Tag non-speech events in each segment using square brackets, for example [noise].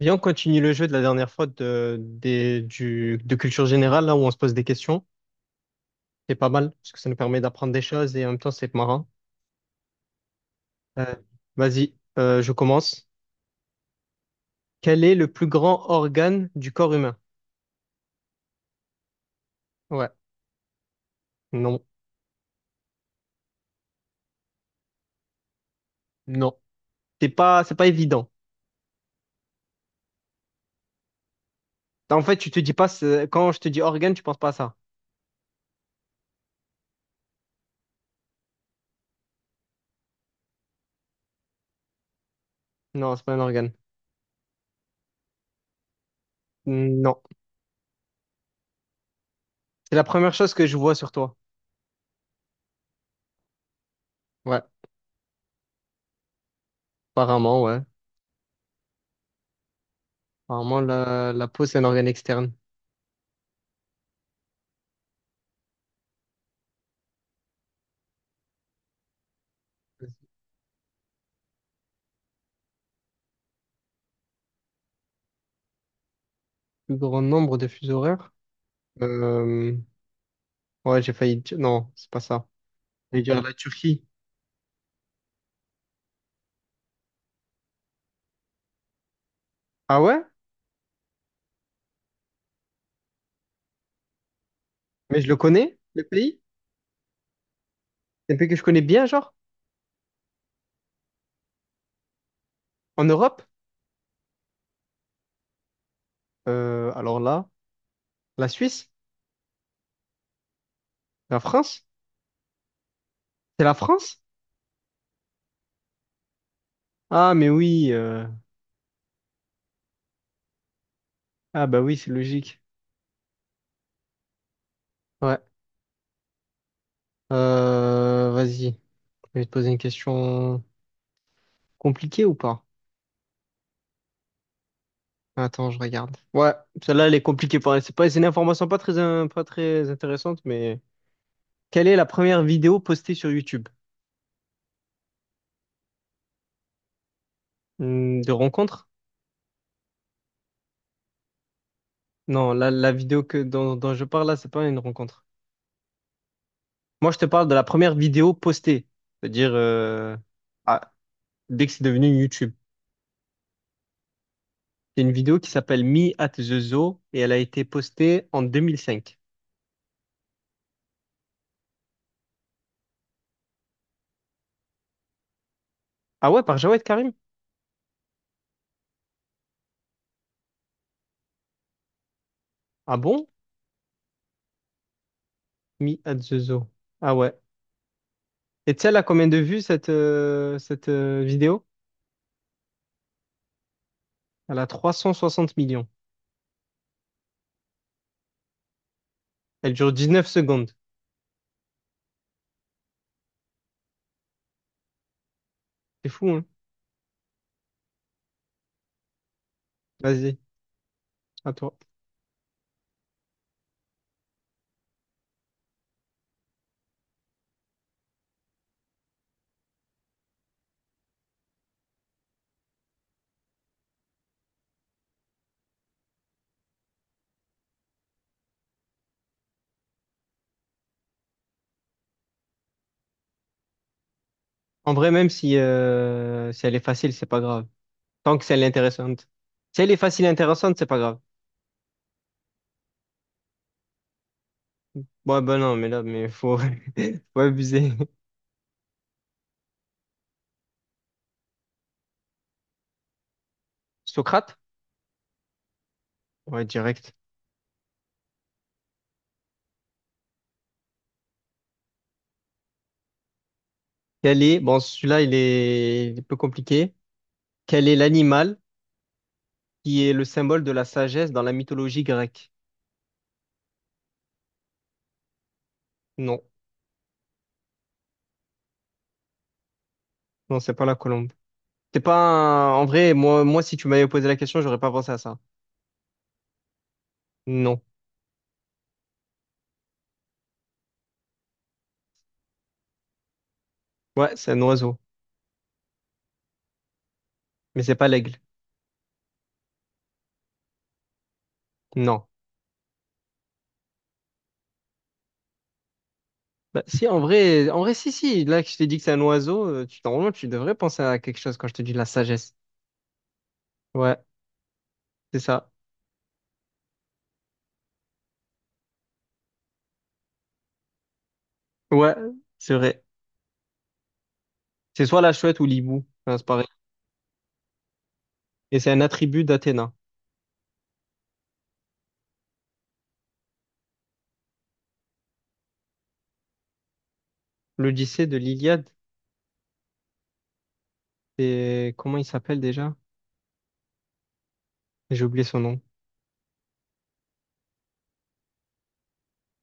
Viens, on continue le jeu de la dernière fois de culture générale, là où on se pose des questions. C'est pas mal, parce que ça nous permet d'apprendre des choses et en même temps, c'est marrant. Euh, vas-y, je commence. Quel est le plus grand organe du corps humain? Ouais, non, non. C'est pas évident. En fait, tu te dis pas, quand je te dis organe, tu penses pas à ça. Non, c'est pas un organe. Non. C'est la première chose que je vois sur toi. Ouais, ouais. Apparemment, la peau, c'est un organe externe. Le plus grand nombre de fuseaux horaires? Euh, ouais, j'ai failli dire. Non, c'est pas ça. J'allais dire la Turquie. Ah ouais? Mais je le connais, le pays? C'est un pays que je connais bien, genre? En Europe? Alors là, la Suisse? La France? C'est la France? Ah, mais oui. Ah bah oui, c'est logique. Ouais. Vas-y. Je vais te poser une question compliquée ou pas? Attends, je regarde. Ouais, celle-là, elle est compliquée elle. C'est une information pas très, pas très intéressante, mais quelle est la première vidéo postée sur YouTube? Hmm, de rencontre? Non, la vidéo que, dont, dont je parle là, c'est pas une rencontre. Moi, je te parle de la première vidéo postée, c'est-à-dire ah, dès que c'est devenu YouTube. C'est une vidéo qui s'appelle Me at the Zoo et elle a été postée en 2005. Ah ouais, par Jawed Karim? Ah bon? Me at the Zoo. Ah ouais. Et tu sais, elle a combien de vues cette, vidéo? Elle a 360 millions. Elle dure 19 secondes. C'est fou, hein? Vas-y, à toi. En vrai, même si, si elle est facile, c'est pas grave. Tant que si elle est intéressante. Si elle est facile et intéressante, c'est pas grave. Ouais, ben non, mais là, mais faut, [laughs] faut abuser. Socrate? Ouais, direct. Quel est, bon, celui-là, il est peu compliqué. Quel est l'animal qui est le symbole de la sagesse dans la mythologie grecque? Non, non, c'est pas la colombe. C'est pas un. En vrai, moi, si tu m'avais posé la question, j'aurais pas pensé à ça. Non. Ouais, c'est un oiseau. Mais c'est pas l'aigle. Non. Bah, si, en vrai, si, si. Là, que je t'ai dit que c'est un oiseau, tu, normalement, tu devrais penser à quelque chose quand je te dis la sagesse. Ouais, c'est ça. Ouais, c'est vrai. C'est soit la chouette ou l'hibou. Enfin, c'est pareil. Et c'est un attribut d'Athéna. L'Odyssée de l'Iliade, c'est, comment il s'appelle déjà? J'ai oublié son nom.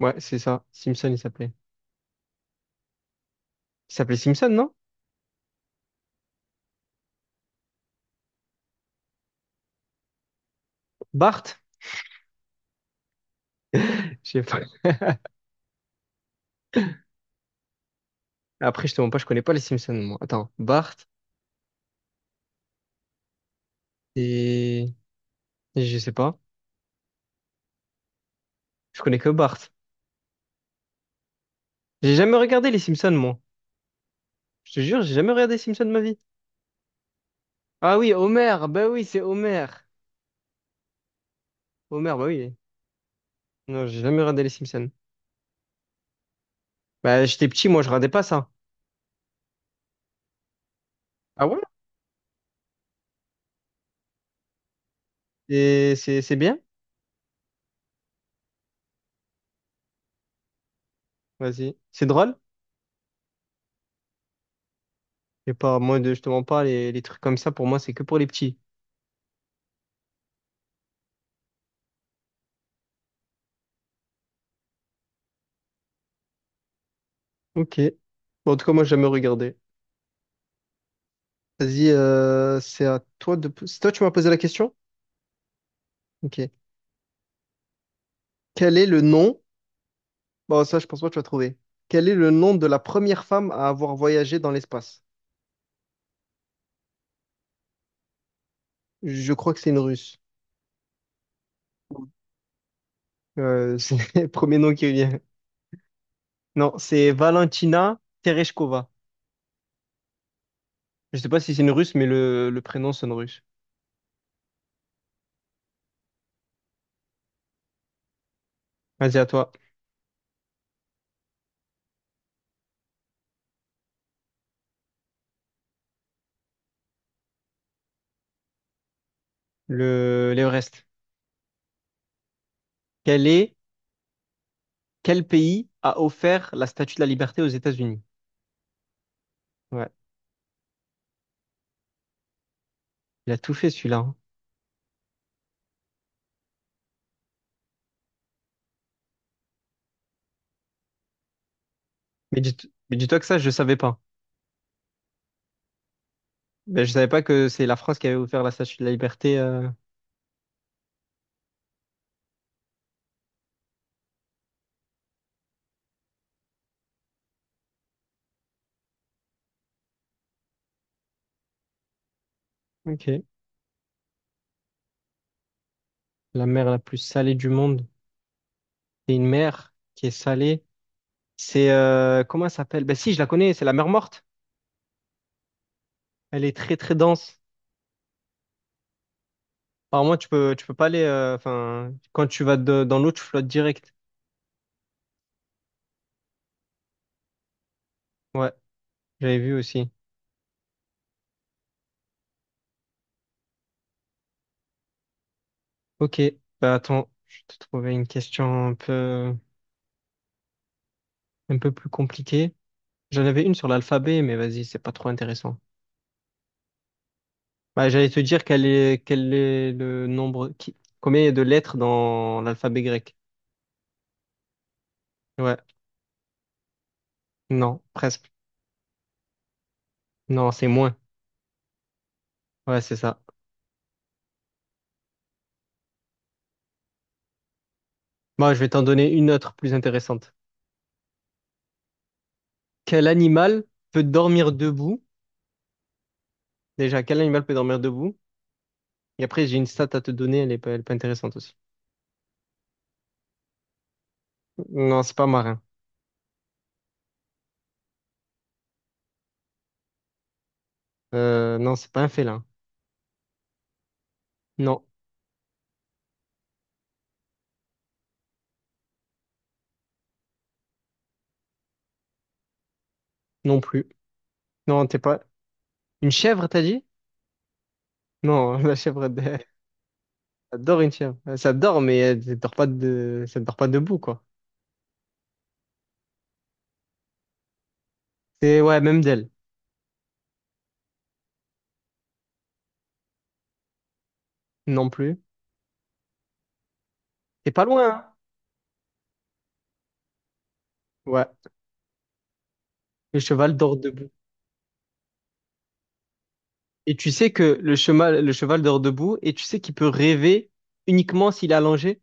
Ouais, c'est ça. Simpson, il s'appelait. Il s'appelait Simpson, non? Bart? [laughs] Je sais pas. Après, je te mens pas, je connais pas les Simpsons, moi. Attends, Bart et... Je sais pas. Je connais que Bart. J'ai jamais regardé les Simpsons, moi. Je te jure, j'ai jamais regardé les Simpsons de ma vie. Ah oui, Homer, bah oui, c'est Homer. Homer, bah oui. Non, j'ai jamais regardé les Simpsons. Bah, j'étais petit, moi, je regardais pas ça. Ah ouais? Et c'est bien? Vas-y. C'est drôle? Et pas, moi, je te mens pas, les trucs comme ça, pour moi, c'est que pour les petits. Ok. Bon, en tout cas, moi, j'ai jamais regardé. Vas-y, c'est à toi C'est toi, tu m'as posé la question? Ok. Quel est le nom? Bon, ça, je pense pas que tu vas trouver. Quel est le nom de la première femme à avoir voyagé dans l'espace? Je crois que c'est une Russe. C'est [laughs] le premier nom qui vient. Non, c'est Valentina Tereshkova. Je sais pas si c'est une Russe, mais le prénom sonne russe. Vas-y, à toi. l'Everest. Quel est, quel pays a offert la Statue de la Liberté aux États-Unis? Ouais, il a tout fait celui-là, hein. Mais dis, mais dis-toi que ça, je savais pas. Ben, je savais pas que c'est la France qui avait offert la Statue de la Liberté. Ok. La mer la plus salée du monde. C'est une mer qui est salée. C'est comment elle s'appelle? Ben si, je la connais, c'est la mer morte. Elle est très très dense. Alors moi, tu peux pas aller. Enfin, quand tu vas dans l'eau, tu flottes direct. Ouais, j'avais vu aussi. Ok. Bah attends, je vais te trouver une question un peu plus compliquée. J'en avais une sur l'alphabet, mais vas-y, c'est pas trop intéressant. Bah, j'allais te dire quel est le nombre qui combien il y a de lettres dans l'alphabet grec. Ouais. Non, presque. Non, c'est moins. Ouais, c'est ça. Moi, je vais t'en donner une autre plus intéressante. Quel animal peut dormir debout? Déjà, quel animal peut dormir debout? Et après, j'ai une stat à te donner, elle est pas intéressante aussi. Non, c'est pas marin. Non, c'est pas un félin. Non, non plus. Non, t'es pas. Une chèvre, t'as dit? Non, [laughs] la chèvre, elle, elle dort une chèvre. Ça dort, mais elle, elle dort pas de... ça dort pas debout, quoi. C'est, ouais, même d'elle. Non plus. T'es pas loin, hein? Ouais. Le cheval dort debout. Et tu sais que le cheval dort debout, et tu sais qu'il peut rêver uniquement s'il est allongé?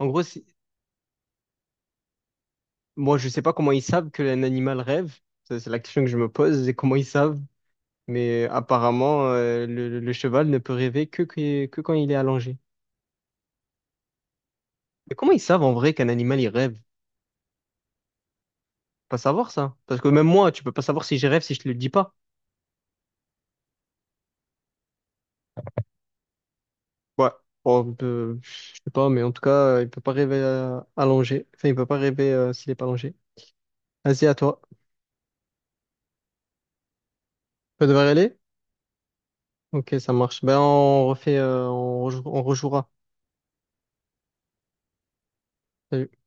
En gros, moi, je sais pas comment ils savent que un animal rêve. Ça, c'est la question que je me pose, c'est comment ils savent. Mais apparemment, le cheval ne peut rêver que quand il est allongé. Mais comment ils savent en vrai qu'un animal, il rêve? Pas savoir ça. Parce que même moi, tu peux pas savoir si je rêve si je te le dis pas. Ouais. Bon, je sais pas, mais en tout cas, il peut pas rêver allongé. Enfin, il peut pas rêver s'il est pas allongé. Vas-y, à toi. Tu peux devoir y aller? Ok, ça marche. Ben, on refait, on rejouera. Salut.